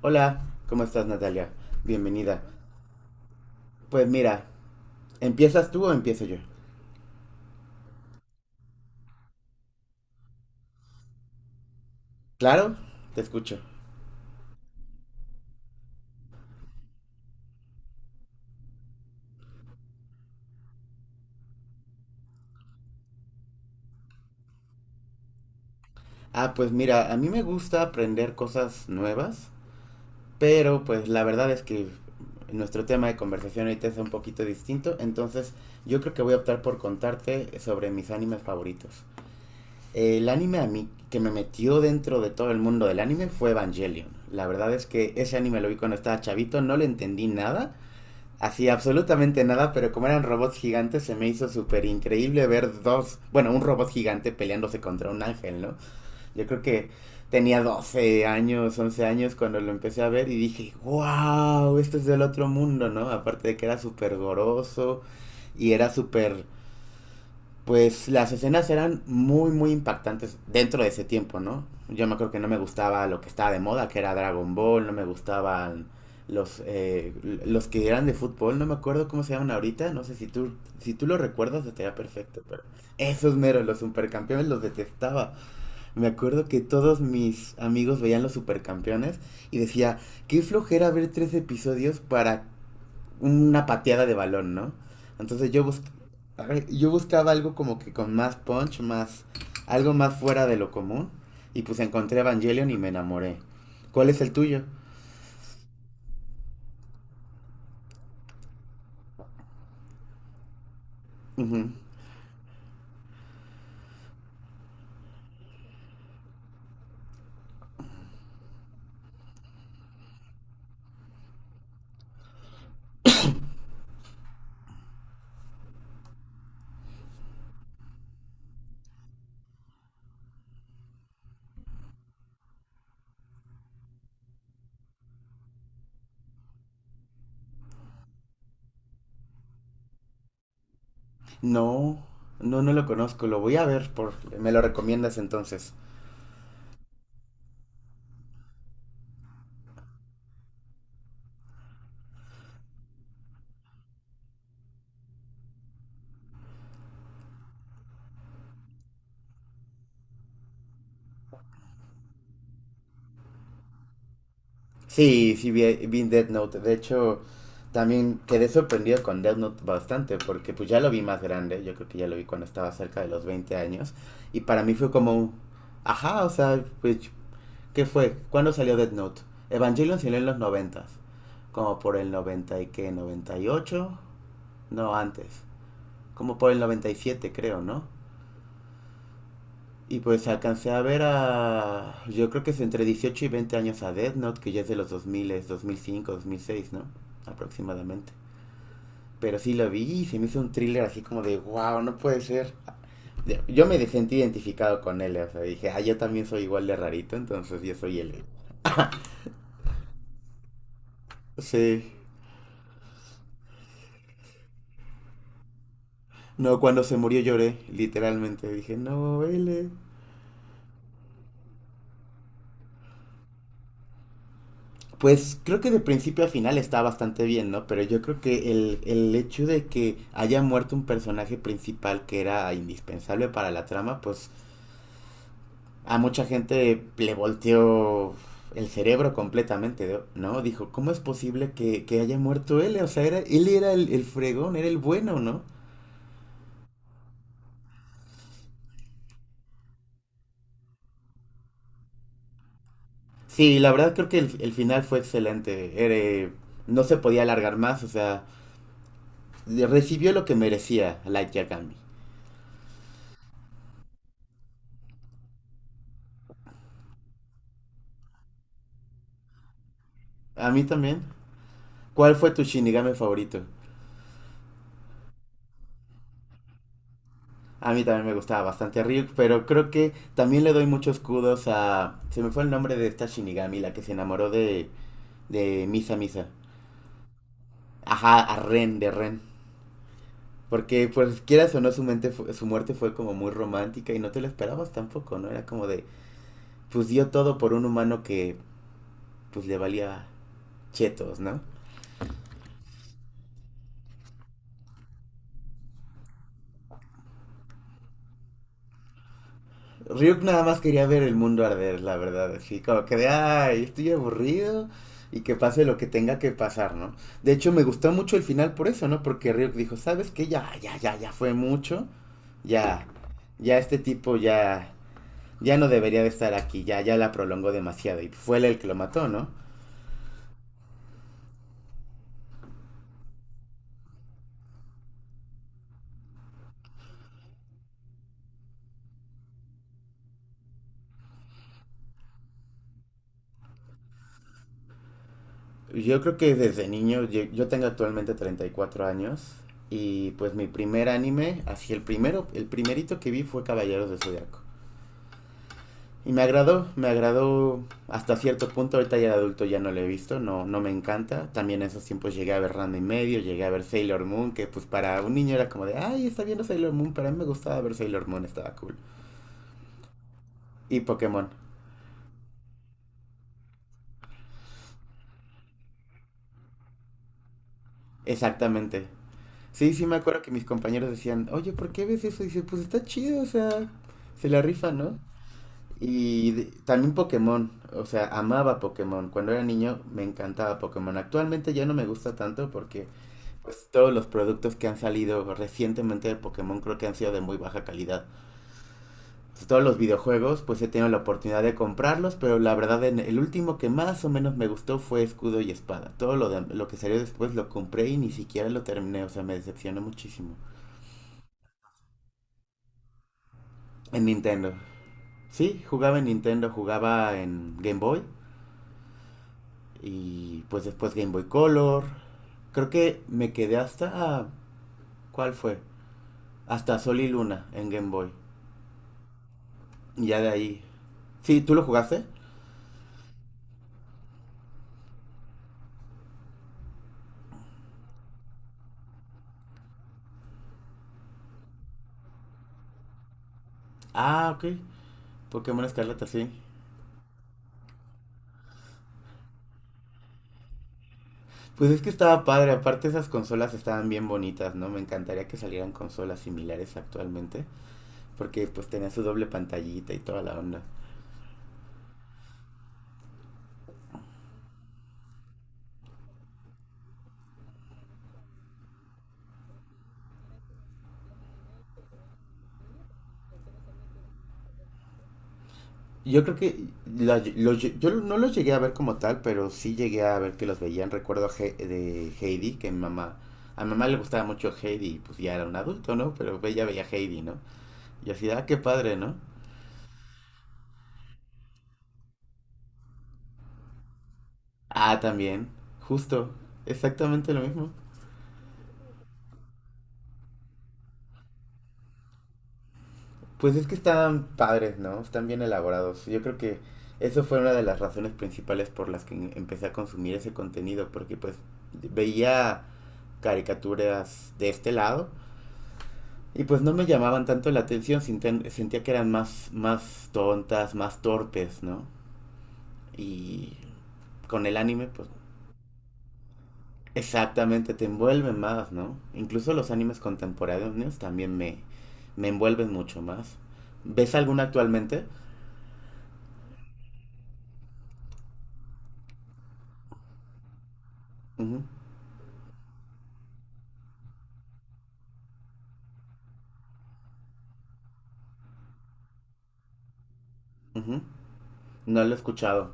Hola, ¿cómo estás, Natalia? Bienvenida. Pues mira, ¿empiezas tú o empiezo yo? Claro, te escucho. Ah, pues mira, a mí me gusta aprender cosas nuevas, pero pues la verdad es que nuestro tema de conversación ahorita es un poquito distinto, entonces yo creo que voy a optar por contarte sobre mis animes favoritos. El anime a mí que me metió dentro de todo el mundo del anime fue Evangelion. La verdad es que ese anime lo vi cuando estaba chavito, no le entendí nada. Así, absolutamente nada, pero como eran robots gigantes, se me hizo súper increíble ver dos, bueno, un robot gigante peleándose contra un ángel, ¿no? Yo creo que tenía 12 años, 11 años cuando lo empecé a ver y dije, wow, esto es del otro mundo, ¿no? Aparte de que era súper goroso y era súper pues las escenas eran muy, muy impactantes dentro de ese tiempo, ¿no? Yo me acuerdo que no me gustaba lo que estaba de moda, que era Dragon Ball, no me gustaban los, eh, los que eran de fútbol, no me acuerdo cómo se llaman ahorita, no sé si tú, lo recuerdas estaría perfecto, pero esos meros, los supercampeones, los detestaba. Me acuerdo que todos mis amigos veían los supercampeones y decía, qué flojera ver 3 episodios para una pateada de balón, ¿no? Entonces yo buscaba algo como que con más punch, más algo más fuera de lo común. Y pues encontré Evangelion y me enamoré. ¿Cuál es el tuyo? Ujú. No, no, no lo conozco. Lo voy a ver. ¿Me lo recomiendas entonces? Sí, sí, vi Death Note. De hecho, también quedé sorprendido con Death Note bastante porque pues ya lo vi más grande. Yo creo que ya lo vi cuando estaba cerca de los 20 años. Y para mí fue como, ajá, o sea, pues ¿qué fue? ¿Cuándo salió Death Note? Evangelion salió en los noventas, como por el 90 y qué, 98, no, antes, como por el 97 creo, ¿no? Y pues alcancé a ver a, yo creo que es entre 18 y 20 años a Death Note, que ya es de los 2000, 2005, 2006, ¿no? Aproximadamente. Pero sí lo vi y se me hizo un thriller así como de, wow, no puede ser. Yo me sentí identificado con él, o sea, dije, ah, yo también soy igual de rarito, entonces yo soy él. Sí. No, cuando se murió lloré, literalmente. Dije, no, L. Pues creo que de principio a final está bastante bien, ¿no? Pero yo creo que el hecho de que haya muerto un personaje principal que era indispensable para la trama, pues a mucha gente le volteó el cerebro completamente, ¿no? Dijo, ¿cómo es posible que haya muerto él? O sea, era, él era el fregón, era el bueno, ¿no? Sí, la verdad creo que el final fue excelente. Era, no se podía alargar más, o sea, recibió lo que merecía Light Yagami. A mí también. ¿Cuál fue tu Shinigami favorito? A mí también me gustaba bastante a Ryuk, pero creo que también le doy muchos kudos. Se me fue el nombre de esta Shinigami, la que se enamoró de Misa Misa. Ajá, a Ren, de Ren. Porque, pues, quieras o no, su muerte fue como muy romántica y no te lo esperabas tampoco, ¿no? Era como de, pues dio todo por un humano que, pues, le valía chetos, ¿no? Ryuk nada más quería ver el mundo arder, la verdad, así como que de, ay, estoy aburrido y que pase lo que tenga que pasar, ¿no? De hecho, me gustó mucho el final por eso, ¿no? Porque Ryuk dijo, ¿sabes qué? Ya, ya, ya, ya fue mucho, ya, ya este tipo ya, ya no debería de estar aquí, ya, ya la prolongó demasiado y fue él el que lo mató, ¿no? Yo creo que desde niño, yo tengo actualmente 34 años y pues mi primer anime, así el primero, el primerito que vi fue Caballeros de Zodiaco. Y me agradó hasta cierto punto, ahorita ya de adulto ya no lo he visto, no, no me encanta. También en esos tiempos llegué a ver Ranma y medio, llegué a ver Sailor Moon, que pues para un niño era como de, ay, está viendo Sailor Moon, pero a mí me gustaba ver Sailor Moon, estaba cool. Y Pokémon, exactamente. Sí, sí me acuerdo que mis compañeros decían, oye, ¿por qué ves eso? Y dice, pues está chido, o sea, se la rifa, ¿no? Y también Pokémon, o sea, amaba Pokémon. Cuando era niño me encantaba Pokémon. Actualmente ya no me gusta tanto porque pues todos los productos que han salido recientemente de Pokémon creo que han sido de muy baja calidad. Pues, todos los videojuegos pues he tenido la oportunidad de comprarlos, pero la verdad el último que más o menos me gustó fue Escudo y Espada. Todo lo que salió después lo compré y ni siquiera lo terminé, o sea, me decepcionó muchísimo. En Nintendo. Sí, jugaba en Nintendo, jugaba en Game Boy y pues después Game Boy Color. Creo que me quedé hasta. ¿Cuál fue? Hasta Sol y Luna en Game Boy. Y ya de ahí. Sí, ¿tú lo jugaste? Ah, ok. Pokémon Escarlata, sí. Pues es que estaba padre, aparte esas consolas estaban bien bonitas, ¿no? Me encantaría que salieran consolas similares actualmente, porque pues tenía su doble pantallita y toda la onda. Yo creo que yo no los llegué a ver como tal, pero sí llegué a ver que los veían. Recuerdo a de Heidi, que mi mamá, a mi mamá le gustaba mucho Heidi, y pues ya era un adulto, ¿no? Pero ella veía Heidi, ¿no? Y así, ah, qué padre, ¿no? Ah, también, justo, exactamente lo mismo. Pues es que están padres, ¿no? Están bien elaborados. Yo creo que eso fue una de las razones principales por las que empecé a consumir ese contenido, porque pues veía caricaturas de este lado y pues no me llamaban tanto la atención, sentía que eran más, más tontas, más torpes, ¿no? Y con el anime, pues exactamente, te envuelven más, ¿no? Incluso los animes contemporáneos también me envuelven mucho más. ¿Ves alguna actualmente? Ujú, ujú. No lo he escuchado.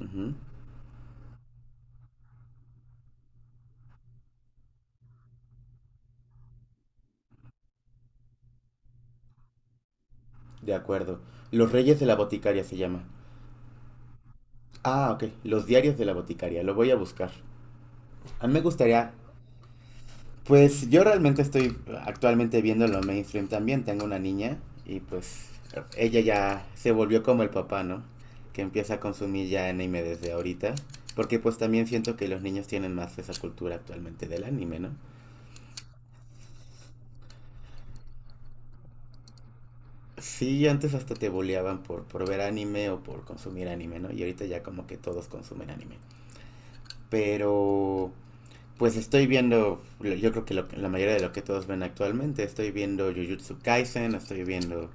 Ujú. De acuerdo. Los Reyes de la Boticaria se llama. Ah, ok. Los Diarios de la Boticaria. Lo voy a buscar. A mí me gustaría. Pues yo realmente estoy actualmente viendo lo mainstream también. Tengo una niña y pues ella ya se volvió como el papá, ¿no? Que empieza a consumir ya anime desde ahorita. Porque pues también siento que los niños tienen más esa cultura actualmente del anime, ¿no? Sí, antes hasta te boleaban por, ver anime o por consumir anime, ¿no? Y ahorita ya como que todos consumen anime. Pero pues estoy viendo, yo creo que la mayoría de lo que todos ven actualmente, estoy viendo Jujutsu Kaisen, estoy viendo,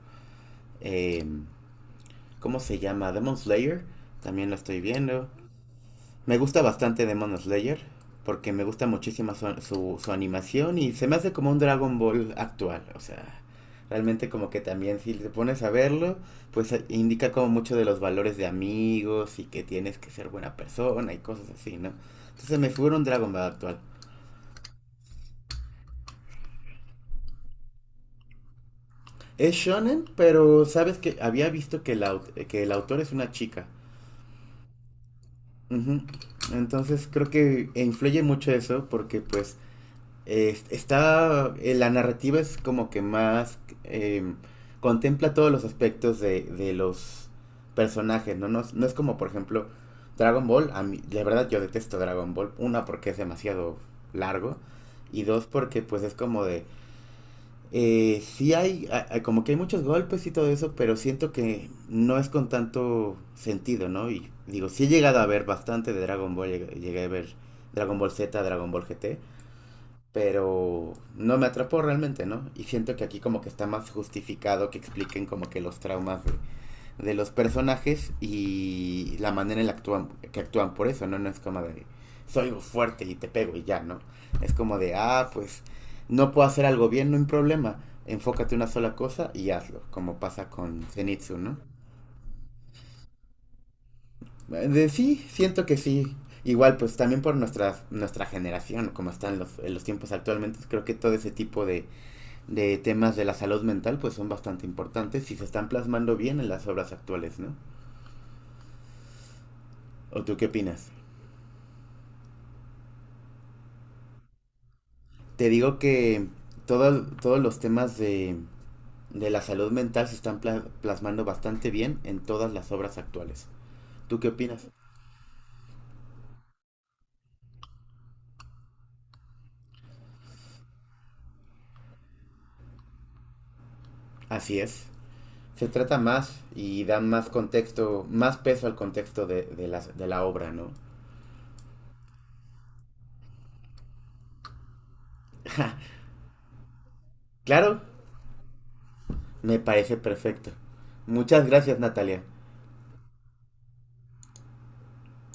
eh, ¿cómo se llama? Demon Slayer, también lo estoy viendo. Me gusta bastante Demon Slayer, porque me gusta muchísimo su animación y se me hace como un Dragon Ball actual, o sea, realmente como que también si te pones a verlo, pues indica como mucho de los valores de amigos y que tienes que ser buena persona y cosas así, ¿no? Entonces me figura un Dragon Ball actual. Es shonen, pero sabes que había visto que el, que el autor es una chica. Ujú. Entonces creo que influye mucho eso porque pues está la narrativa es como que más em, contempla todos los aspectos de los personajes, ¿no? No, no es como por ejemplo Dragon Ball, a mí, la verdad yo detesto Dragon Ball, una porque es demasiado largo y dos porque pues es como de sí hay, como que hay muchos golpes y todo eso, pero siento que no es con tanto sentido, ¿no? Y digo, sí he llegado a ver bastante de Dragon Ball, llegué a ver Dragon Ball Z, Dragon Ball GT, pero no me atrapó realmente, ¿no? Y siento que aquí como que está más justificado que expliquen como que los traumas de los personajes y la manera en la actúan, que actúan por eso, ¿no? No es como de soy fuerte y te pego y ya, ¿no? Es como de, ah, pues no puedo hacer algo bien, no hay problema. Enfócate en una sola cosa y hazlo, como pasa con Zenitsu, ¿no? De sí, siento que sí. Igual, pues también por nuestra generación, como están en los tiempos actualmente, creo que todo ese tipo de temas de la salud mental, pues son bastante importantes y se están plasmando bien en las obras actuales, ¿no? ¿O tú qué opinas? Te digo que todos los temas de la salud mental se están plasmando bastante bien en todas las obras actuales. ¿Tú qué opinas? Así es. Se trata más y dan más contexto, más peso al contexto de la obra, ¿no? Claro, me parece perfecto. Muchas gracias, Natalia.